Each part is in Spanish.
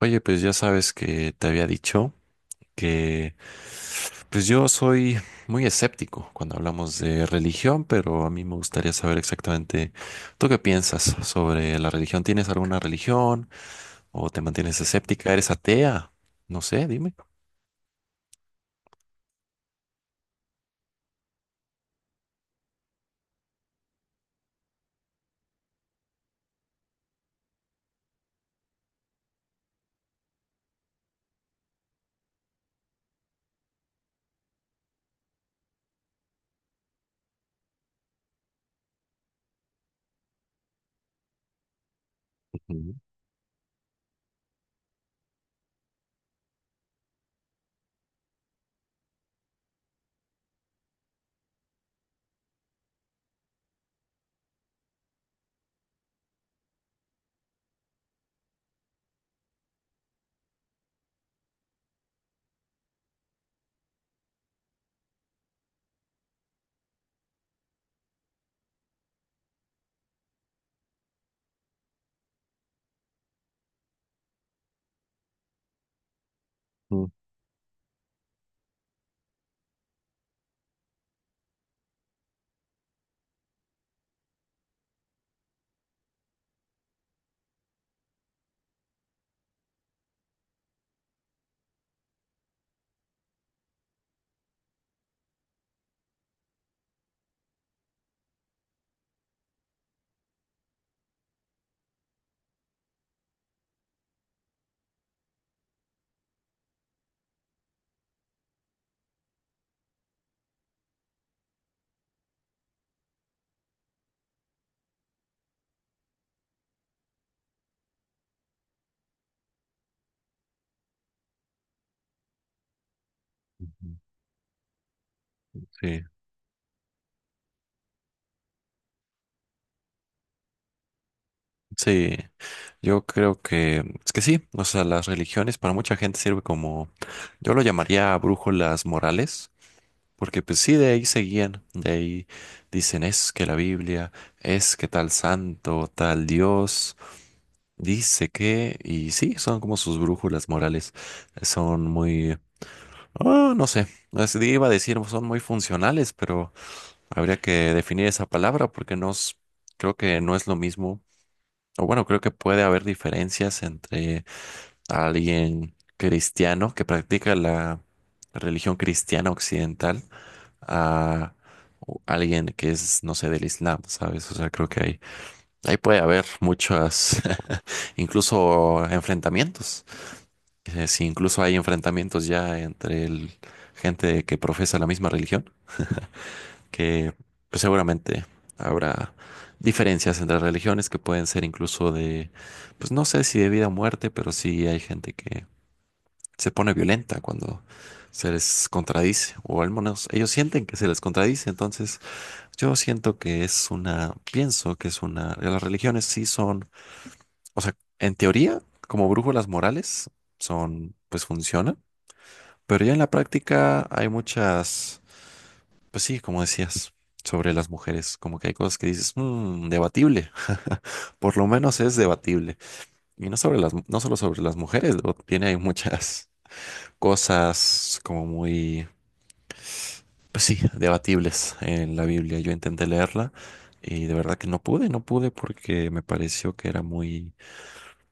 Oye, pues ya sabes que te había dicho que pues yo soy muy escéptico cuando hablamos de religión, pero a mí me gustaría saber exactamente tú qué piensas sobre la religión. ¿Tienes alguna religión o te mantienes escéptica? ¿Eres atea? No sé, dime. Ujú, ujú, ujú. Sí, sí, yo creo que es que sí, o sea, las religiones para mucha gente sirve como, yo lo llamaría brújulas morales. Porque pues sí, de ahí seguían, de ahí dicen es que la Biblia, es que tal santo, tal Dios, dice que, y sí, son como sus brújulas morales, son muy, no sé, iba a decir, son muy funcionales, pero habría que definir esa palabra porque no, creo que no es lo mismo, o bueno, creo que puede haber diferencias entre alguien cristiano que practica la religión cristiana occidental a alguien que es, no sé, del Islam, ¿sabes? O sea, creo que ahí, ahí puede haber muchas, incluso enfrentamientos. Si incluso hay enfrentamientos ya entre gente que profesa la misma religión, que pues, seguramente habrá diferencias entre religiones que pueden ser incluso de, pues no sé si de vida o muerte, pero sí hay gente que se pone violenta cuando se les contradice, o al menos ellos sienten que se les contradice, entonces yo siento que es una, pienso que es una, las religiones sí son, o sea, en teoría, como brújulas morales, son, pues funcionan, pero ya en la práctica hay muchas, pues sí, como decías, sobre las mujeres, como que hay cosas que dices, "Mm, debatible, por lo menos es debatible." Y no sobre las, no solo sobre las mujeres, luego tiene hay muchas cosas como muy. Pues sí, debatibles en la Biblia. Yo intenté leerla y de verdad que no pude, no pude porque me pareció que era muy,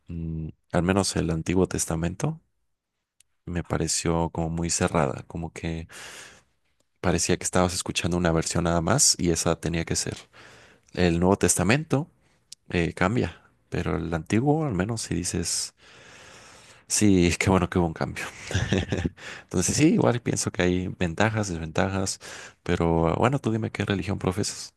al menos el Antiguo Testamento, me pareció como muy cerrada, como que parecía que estabas escuchando una versión nada más y esa tenía que ser. El Nuevo Testamento cambia, pero el Antiguo al menos si dices, sí, qué bueno que hubo un cambio. Entonces sí, igual pienso que hay ventajas, desventajas, pero bueno, tú dime qué religión profesas.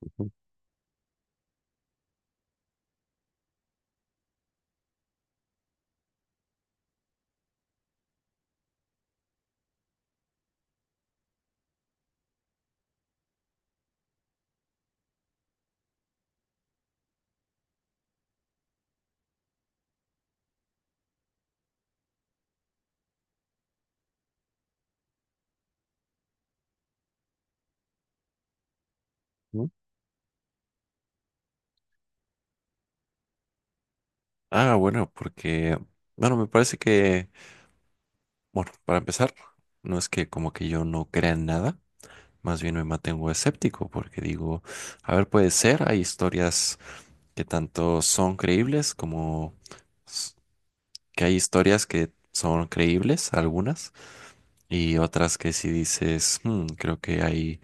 Ujú. ¿No? Ah, bueno, porque, bueno, me parece que, bueno, para empezar, no es que como que yo no crea en nada, más bien me mantengo escéptico, porque digo, a ver, puede ser, hay historias que tanto son creíbles como s- que hay historias que son creíbles, algunas, y otras que si dices, "Hmm, creo que hay,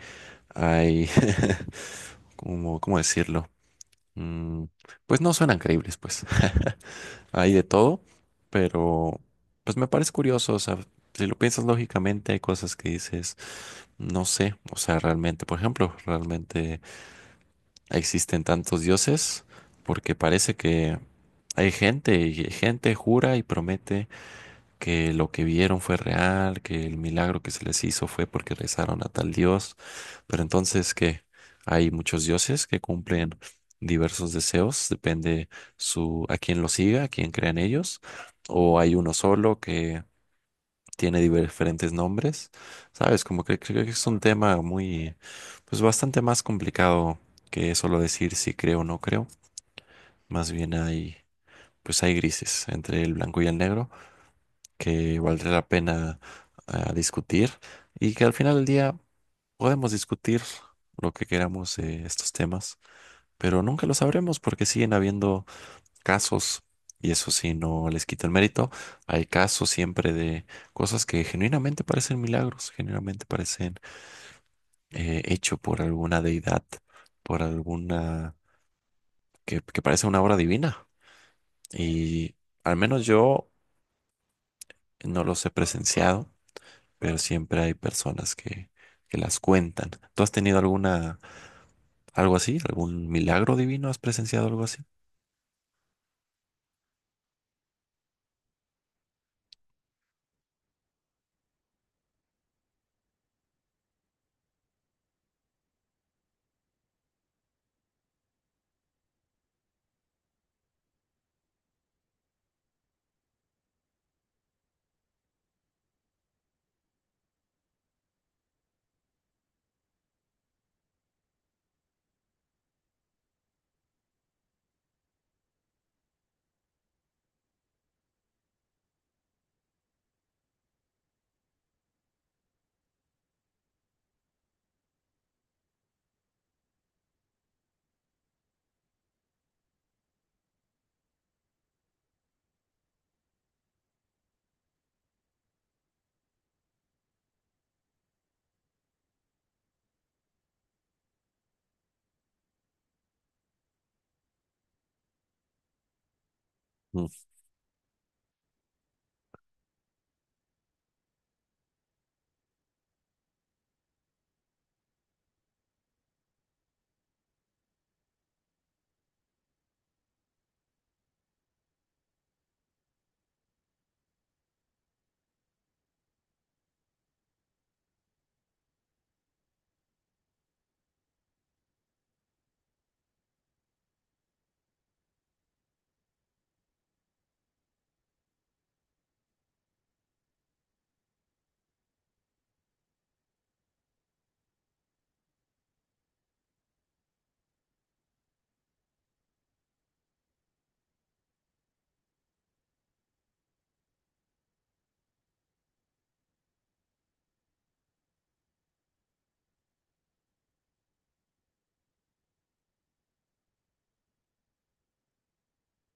hay, como, ¿cómo decirlo? Mm, pues no suenan creíbles, pues." Hay de todo, pero pues me parece curioso, o sea, si lo piensas lógicamente, hay cosas que dices, no sé, o sea, realmente, por ejemplo, realmente existen tantos dioses, porque parece que hay gente y gente jura y promete que lo que vieron fue real, que el milagro que se les hizo fue porque rezaron a tal dios, pero entonces que hay muchos dioses que cumplen diversos deseos, depende su a quién lo siga, a quién crean ellos, o hay uno solo que tiene diferentes nombres, ¿sabes? Como que creo que es un tema muy, pues bastante más complicado que solo decir si creo o no creo, más bien hay, pues hay grises entre el blanco y el negro que valdría la pena discutir y que al final del día podemos discutir lo que queramos de estos temas, pero nunca lo sabremos porque siguen habiendo casos y eso sí no les quita el mérito. Hay casos siempre de cosas que genuinamente parecen milagros, genuinamente parecen hecho por alguna deidad, por alguna que parece una obra divina y al menos yo no los he presenciado pero siempre hay personas que las cuentan. ¿Tú has tenido alguna, algo así? ¿Algún milagro divino? ¿Has presenciado algo así? Mm.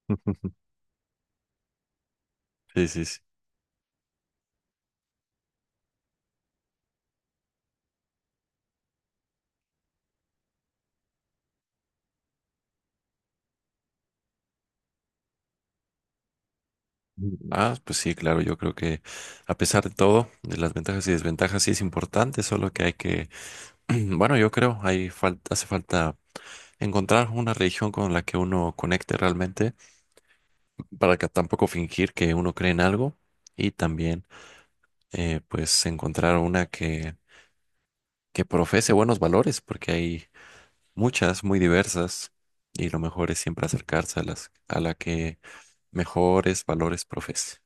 Sí, sí, sí. Ah, pues sí, claro, yo creo que a pesar de todo, de las ventajas y desventajas, sí es importante, solo que hay que, bueno, yo creo, hay falta, hace falta encontrar una religión con la que uno conecte realmente, para que tampoco fingir que uno cree en algo y también, pues, encontrar una que profese buenos valores, porque hay muchas muy diversas y lo mejor es siempre acercarse a las, a la que mejores valores profese.